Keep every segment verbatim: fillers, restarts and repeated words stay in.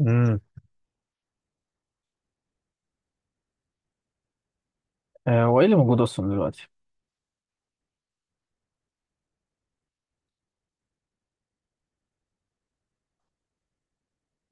امم آه، هو ايه اللي موجود اصلا دلوقتي؟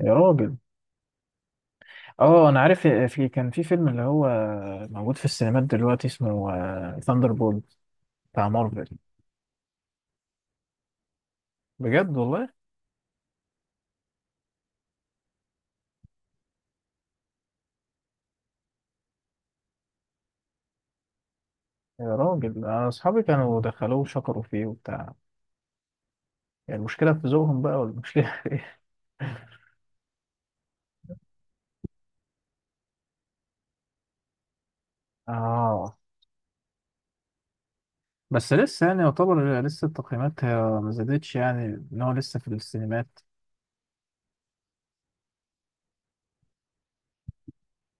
يا راجل. اه، انا عارف. آه، في كان في فيلم اللي هو موجود في السينمات دلوقتي اسمه ثاندر بولت بتاع مارفل. بجد والله. يا راجل. انا اصحابي كانوا دخلوه وشكروا فيه وبتاع. يعني المشكله في ذوقهم بقى ولا المشكله؟ اه، بس لسه يعني يعتبر لسه التقييمات هي ما زادتش يعني ان هو لسه في السينمات.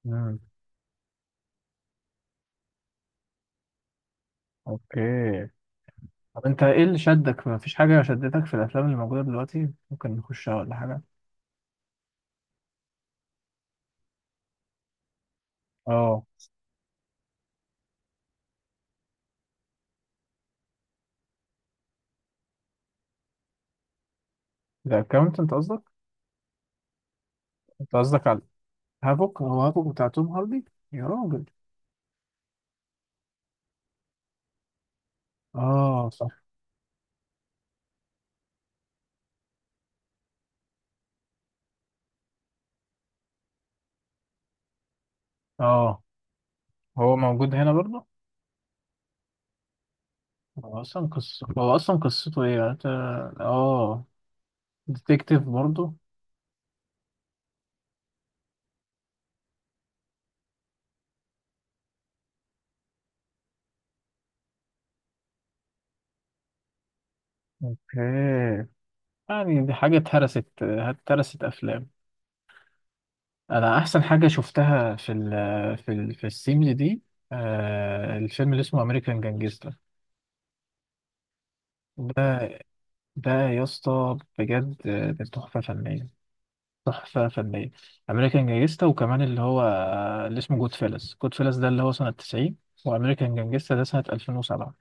امم. اوكي. طب انت ايه اللي شدك؟ ما فيش حاجه شدتك في الافلام اللي موجوده دلوقتي ممكن نخشها ولا حاجه؟ اه، الأكاونتنت قصدك؟ أنت قصدك على هافوك، هو هافوك بتاع توم هاردي؟ يا راجل. آه صح. آه. هو موجود هنا برضه؟ هو أصلا قصة، هو أصلا قصته إيه؟ أنت آه، ديتكتيف برضه؟ أوكي. يعني دي حاجة اتهرست اتهرست أفلام. أنا أحسن حاجة شفتها في ال في ال في السيمز دي آه الفيلم اللي اسمه أمريكان جانجستا ده ده يا اسطى بجد. آه، تحفة فنية، تحفة فنية. أمريكان جانجستا وكمان اللي هو اللي اسمه جود فيلز، جود فيلز ده اللي هو سنة تسعين، وأمريكان جانجستا ده سنة ألفين وسبعة.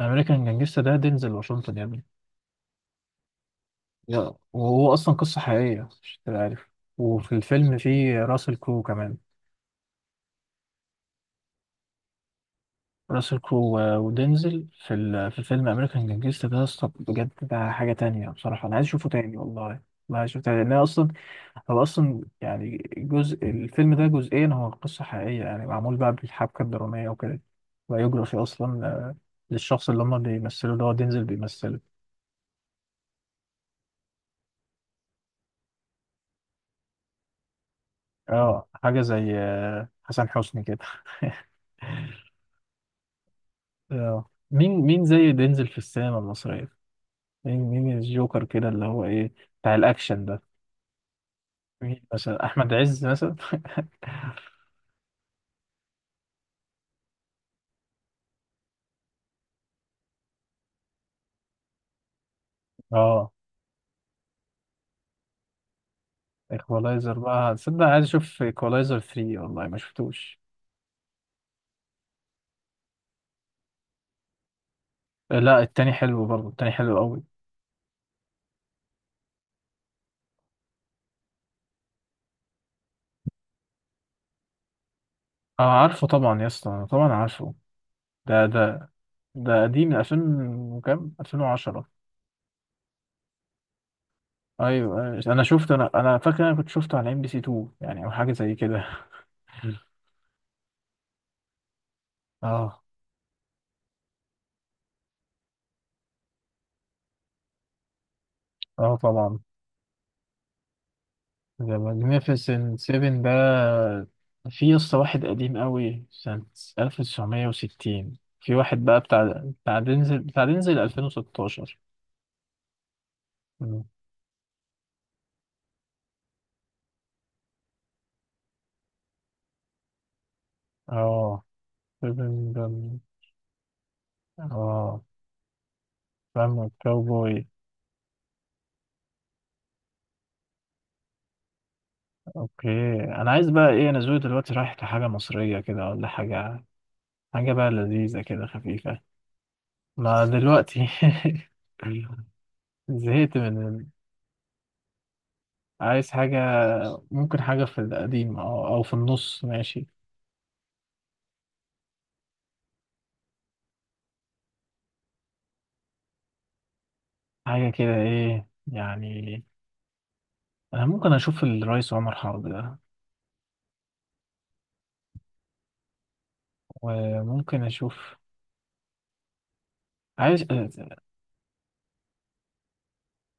أمريكان جانجستا ده دينزل واشنطن يا ابني. يا- وهو أصلا قصة حقيقية، مش تبقى عارف. وفي الفيلم فيه راسل كرو كمان. راسل كرو و- ودينزل في ال- في الفيلم امريكان جانجستا ده يا اسطى بجد. ده حاجه تانية بصراحه. انا عايز اشوفه تاني، والله والله عايز اشوفه تاني لان أنا اصلا. هو اصلا يعني جزء الفيلم ده جزئيا هو قصه حقيقيه، يعني معمول بقى بالحبكه الدراميه وكده. بايوجرافي اصلا، آه، للشخص اللي هم بيمثلوا اللي هو دينزل بيمثله. اه، حاجه زي آه، حسن حسني كده. اه، مين مين زي دينزل في السينما المصريه؟ مين مين الجوكر كده اللي هو ايه بتاع الاكشن ده؟ مين مثلا، احمد عز مثلا؟ اه، ايكولايزر بقى. تصدق عايز اشوف ايكولايزر ثلاثة، والله ما شفتوش. آه، لا، التاني حلو برضه. التاني حلو قوي. اه، عارفه طبعا يا اسطى، طبعا عارفه. ده ده ده قديم من ألفين، وكام، ألفين وعشرة؟ ايوه، أيوة. انا شفت، انا انا فاكر، انا كنت شفته على ام بي سي اتنين يعني، او حاجه زي كده. اه. اه طبعا. ذا ماجنيفيسنت سفن ده. في قصة واحد قديم قوي سنة ألف وتسعمية وستين، في واحد بقى بتاع بتاع دينزل، بتاع دينزل ألفين وستاشر. مم. اه سفن ده. اه فاهم، كاوبوي. اوكي. انا عايز بقى ايه؟ انا ذوقي دلوقتي رايح لحاجة مصرية كده ولا حاجة، حاجة بقى لذيذة كده خفيفة. ما دلوقتي. زهقت من ال- عايز حاجة. ممكن حاجة في القديم أو أو في النص ماشي. حاجة كده، إيه يعني. أنا ممكن أشوف الرئيس عمر حرب ده، وممكن أشوف. عايز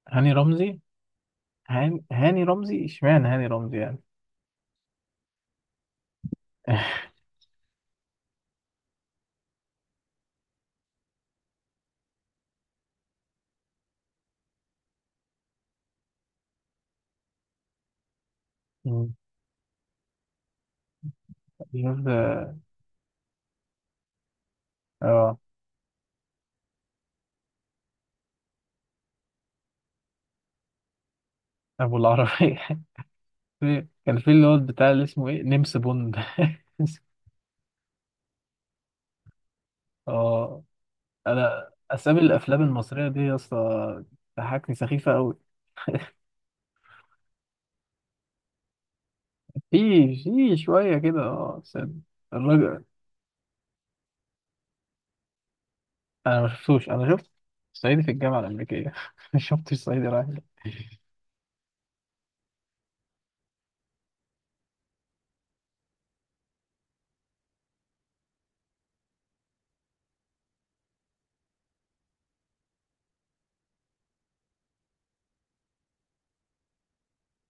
هاني رمزي. هاني, هاني رمزي، إشمعنى هاني رمزي يعني؟ مم. شوف ده. آه. أبو العربية. في- كان في اللي هو بتاع اللي اسمه إيه، نمس بوند. آه. أنا أسامي الأفلام المصرية دي يا اسطى ضحكني سخيفة أوي. في، في شوية كده اه بس. الراجل، انا ما شفتوش. انا شفت صعيدي في الجامعه الامريكيه. ما شفتش صعيدي رايح جاي.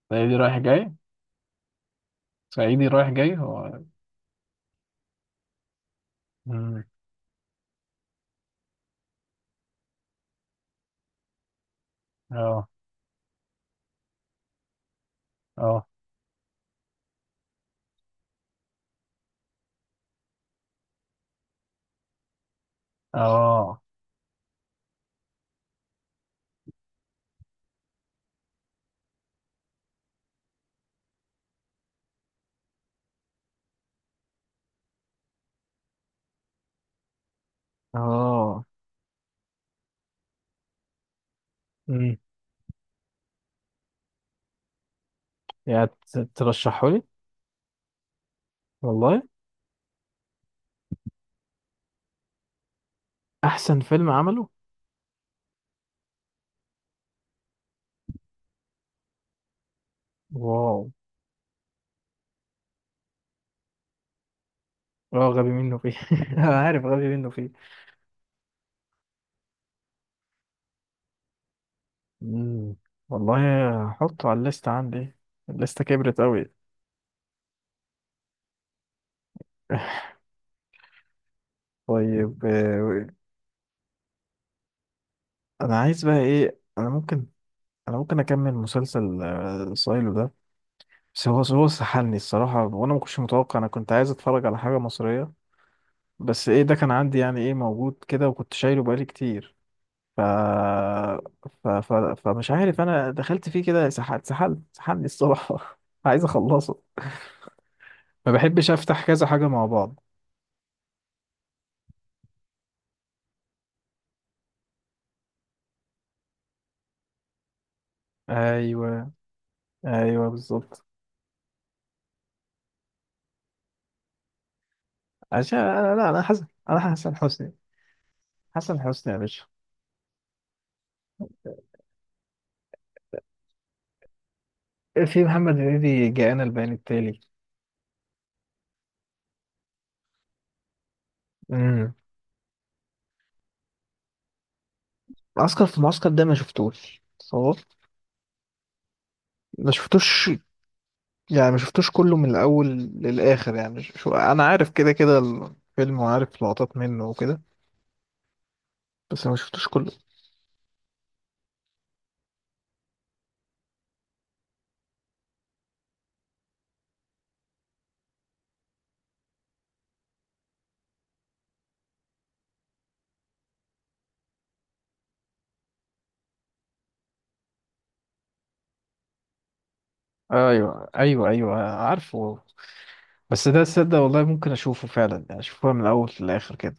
صعيدي رايح جاي. صعيدي رايح جاي هو. مم. اه اه اه. اه. امم. يعني ت- ترشحه لي؟ والله. احسن فيلم عمله. واو. اه، غبي منه فيه. انا عارف غبي منه فيه. امم. والله. هحطه على الليست عندي. الليستة كبرت قوي. طيب، آه، انا عايز بقى ايه؟ انا ممكن، انا ممكن اكمل مسلسل آه، سايلو ده. بس هو هو سحلني الصراحة، وأنا ما كنتش متوقع. أنا كنت عايز أتفرج على حاجة مصرية. بس إيه ده كان عندي، يعني إيه، موجود كده وكنت شايله بقالي كتير. ف... ف... ف... فمش عارف. أنا دخلت فيه كده، سحلت سحلت سحلني الصراحة. عايز أخلصه. ما بحبش أفتح كذا حاجة مع بعض. أيوه. أيوه بالظبط. عشان أنا لا، أنا حسن، أنا حسن حسني. حسن حسني يا باشا. في محمد هنيدي، جاءنا البيان التالي. امم. عسكر في معسكر ده ما شفتوش صور. ما شفتوش. يعني ما شفتوش كله من الاول للاخر، يعني شو، انا عارف كده كده الفيلم وعارف لقطات منه وكده، بس ما شفتوش كله. ايوه، ايوه، ايوه، عارفه. بس ده تصدق والله ممكن اشوفه فعلا، يعني اشوفه من الاول للاخر كده.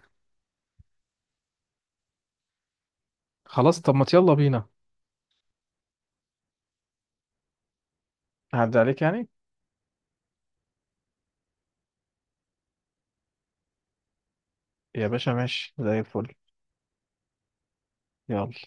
خلاص. طب ما يلا بينا. هعدي عليك يعني. يا باشا ماشي زي الفل. يلا.